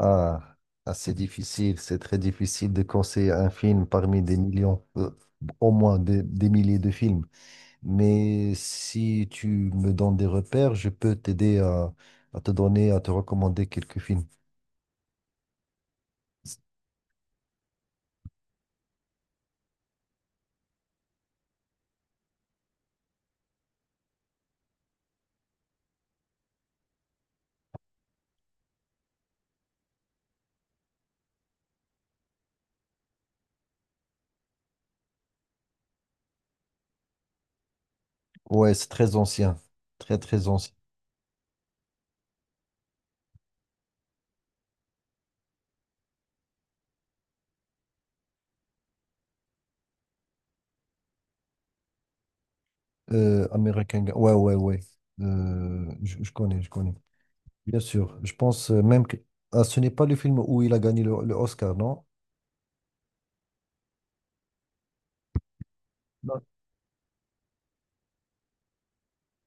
Ah, ah, c'est difficile, c'est très difficile de conseiller un film parmi des millions, au moins des milliers de films. Mais si tu me donnes des repères, je peux t'aider à te donner, à te recommander quelques films. Ouais, c'est très ancien, très très ancien. Ouais, ouais, ouais. Je connais, je connais. Bien sûr, je pense même que ce n'est pas le film où il a gagné le Oscar, non? Non.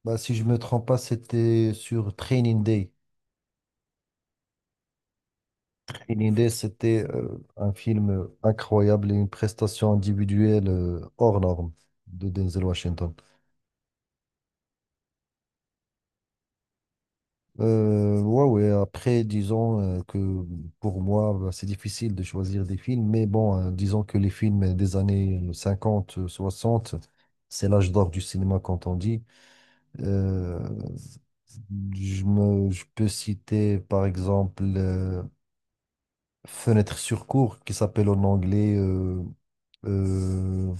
Bah, si je me trompe pas, c'était sur Training Day. Une idée, c'était un film incroyable et une prestation individuelle hors norme de Denzel Washington. Ouais, ouais, après, disons que pour moi, bah, c'est difficile de choisir des films, mais bon, disons que les films des années 50, 60, c'est l'âge d'or du cinéma, quand on dit. Euh, je peux citer, par exemple, Fenêtre sur cour qui s'appelle en anglais, euh,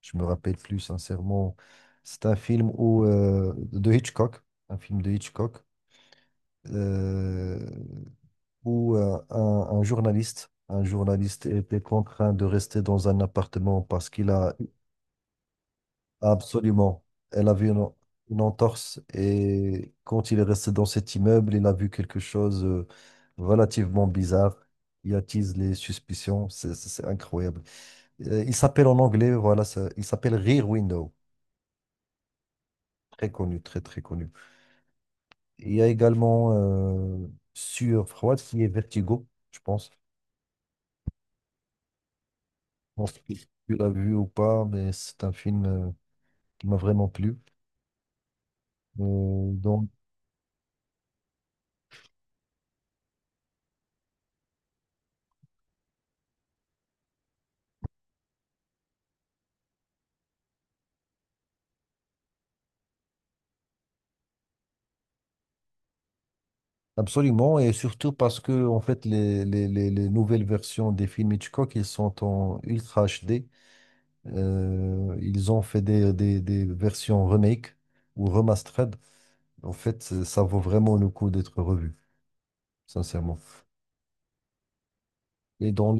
je me rappelle plus sincèrement, c'est un film où, de Hitchcock, un film de Hitchcock, euh, où un journaliste était contraint de rester dans un appartement parce qu'il a. Absolument. Elle a vu une entorse et quand il est resté dans cet immeuble, il a vu quelque chose relativement bizarre. Il attise les suspicions. C'est incroyable. Il s'appelle en anglais, voilà, il s'appelle Rear Window. Très connu, très très connu. Il y a également euh, sur Froid qui est Vertigo, je pense. Je pense que tu l'as vu ou pas, mais c'est un film qui m'a vraiment plu. Donc. Absolument, et surtout parce que en fait les nouvelles versions des films Hitchcock, ils sont en Ultra HD. Ils ont fait des versions remake ou remastered. En fait, ça vaut vraiment le coup d'être revu, sincèrement. Et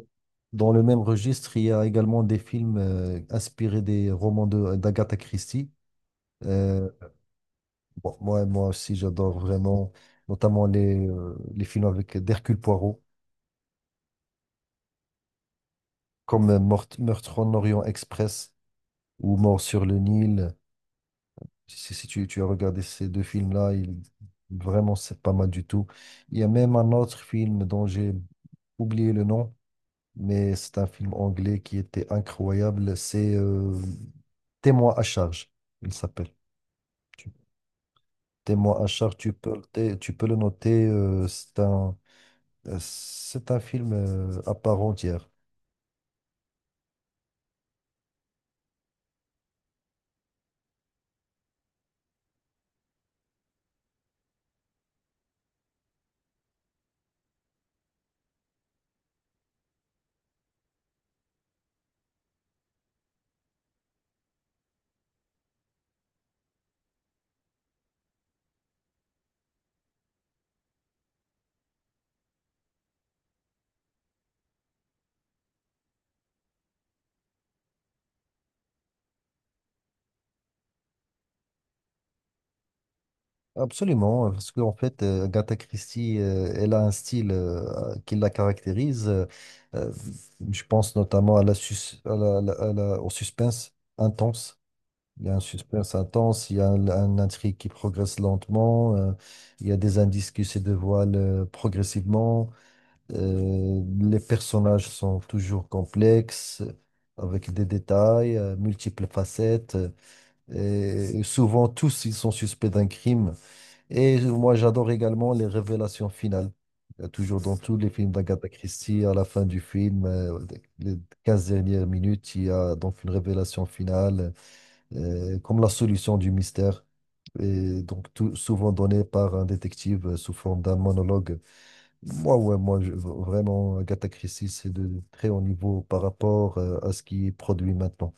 dans le même registre, il y a également des films inspirés des romans d'Agatha Christie. Euh, bon, moi aussi, j'adore vraiment, notamment les films avec d'Hercule Poirot. Comme Meurtre en Orient Express ou Mort sur le Nil. Si tu as regardé ces deux films-là, vraiment, c'est pas mal du tout. Il y a même un autre film dont j'ai oublié le nom, mais c'est un film anglais qui était incroyable. C'est Témoin à charge, il s'appelle. Tu- Témoin à charge, tu peux le noter. C'est un film à part entière. Absolument, parce qu'en fait, Agatha Christie, elle a un style qui la caractérise. Euh, je pense notamment à la sus- à la- à la- à la- au suspense intense. Il y a un suspense intense, il y a un intrigue qui progresse lentement, il y a des indices qui se dévoilent progressivement. Les personnages sont toujours complexes, avec des détails, multiples facettes, et souvent tous ils sont suspects d'un crime. Et moi j'adore également les révélations finales. Il y a toujours dans tous les films d'Agatha Christie, à la fin du film, les 15 dernières minutes, il y a donc une révélation finale, comme la solution du mystère. Et donc tout, souvent donnée par un détective sous forme d'un monologue. Moi, ouais, vraiment, Agatha Christie, c'est de très haut niveau par rapport à ce qui est produit maintenant.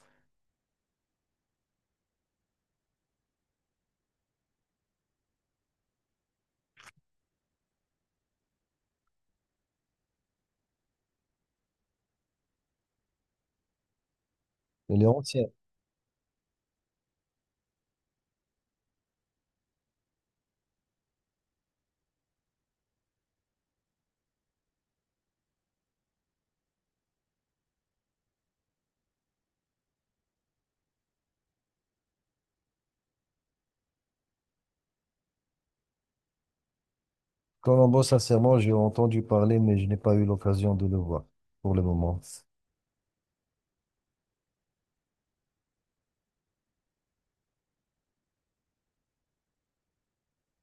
Elle est ancienne. Colombo, sincèrement, j'ai entendu parler, mais je n'ai pas eu l'occasion de le voir pour le moment.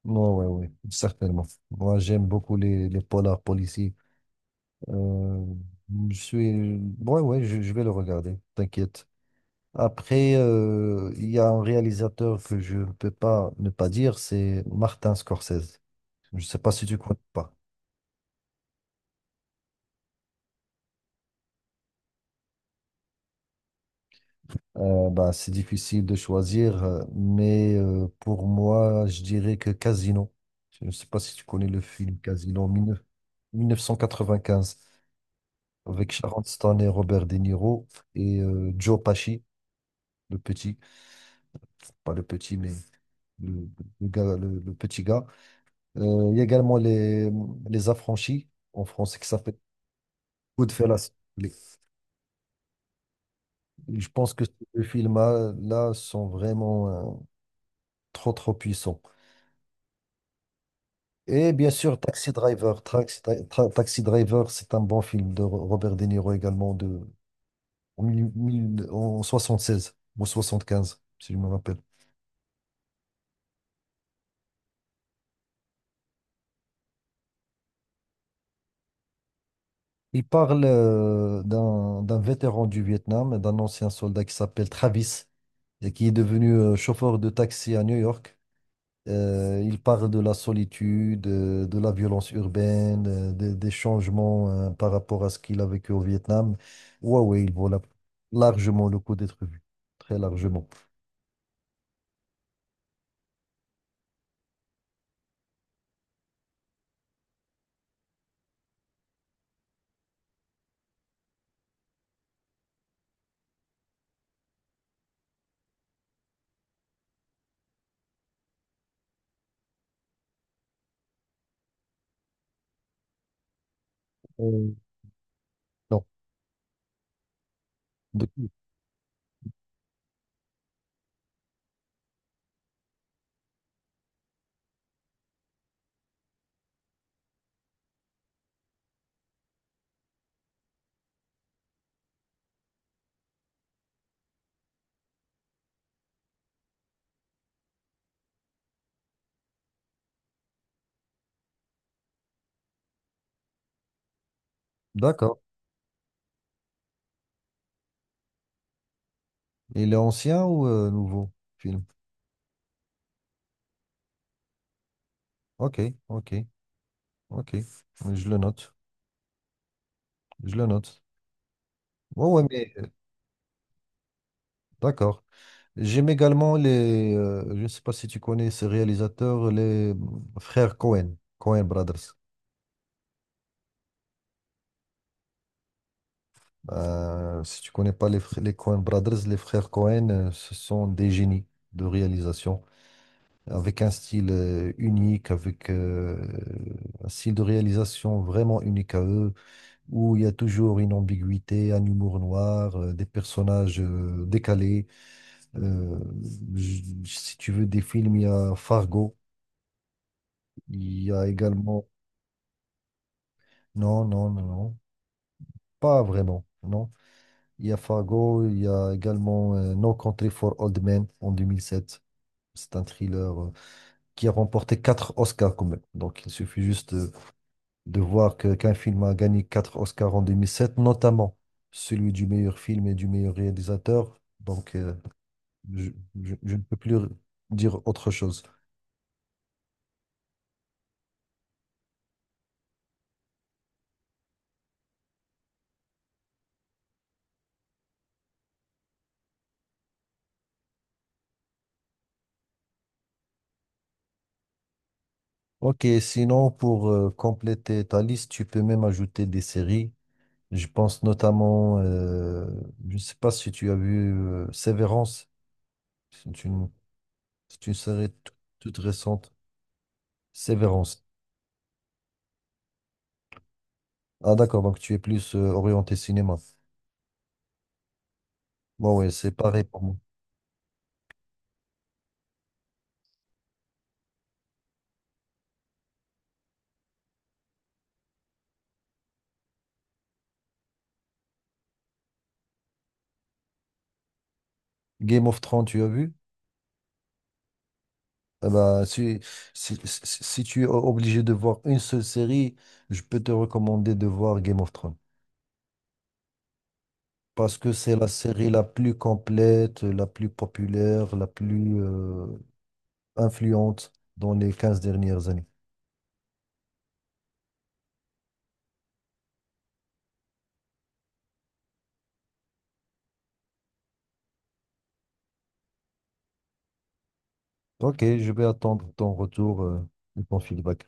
Non, ouais, ouais, certainement. Moi, j'aime beaucoup les polars policiers. Euh, je suis... Ouais, ouais, je vais le regarder, t'inquiète. Après, il y a un réalisateur que je ne peux pas ne pas dire, c'est Martin Scorsese. Je ne sais pas si tu connais pas. Bah, c'est difficile de choisir, mais pour moi, je dirais que Casino. Je ne sais pas si tu connais le film Casino 1995 avec Sharon Stone et Robert De Niro et Joe Pesci, le petit, pas le petit, mais le, le gars, le petit gars. Il y a également les Affranchis en français qui s'appelle Goodfellas. Les- Je pense que ces deux films-là là, sont vraiment trop, trop puissants. Et bien sûr, Taxi Driver. Taxi Driver, c'est un bon film de Robert De Niro également, de, en, mille- mille- en 76 ou 75, si je me rappelle. Il parle d'un vétéran du Vietnam, et d'un ancien soldat qui s'appelle Travis, et qui est devenu chauffeur de taxi à New York. Il parle de la solitude, de la violence urbaine, des changements par rapport à ce qu'il a vécu au Vietnam. Ouais, ouais, il vaut largement le coup d'être vu. Très largement. Euh, non. D- D'accord. Il est ancien ou nouveau film? Ok, ok, ok. Je le note. Je le note. Ouais, ouais, mais d'accord. J'aime également les. Je ne sais pas si tu connais ces réalisateurs, les frères Cohen, Cohen Brothers. Si tu connais pas les Coen Brothers, les frères Coen, ce sont des génies de réalisation, avec un style unique, avec un style de réalisation vraiment unique à eux, où il y a toujours une ambiguïté, un humour noir, des personnages décalés. Euh, Si tu veux des films, il y a Fargo, il y a également... Non, non, non, non, pas vraiment, non. Il y a Fargo, il y a également No Country for Old Men en 2007. C'est un thriller qui a remporté 4 Oscars quand même. Donc il suffit juste de voir qu'un film a gagné 4 Oscars en 2007, notamment celui du meilleur film et du meilleur réalisateur. Donc je, je ne peux plus dire autre chose. Ok, sinon pour compléter ta liste, tu peux même ajouter des séries. Je pense notamment, je ne sais pas si tu as vu Severance. C'est une C'est une série toute récente. Sévérance. Ah d'accord, donc tu es plus orienté cinéma. Bon ouais, c'est pareil pour moi. Game of Thrones, tu as vu? Eh ben, si tu es obligé de voir une seule série, je peux te recommander de voir Game of Thrones. Parce que c'est la série la plus complète, la plus populaire, la plus influente dans les 15 dernières années. Ok, je vais attendre ton retour et ton feedback.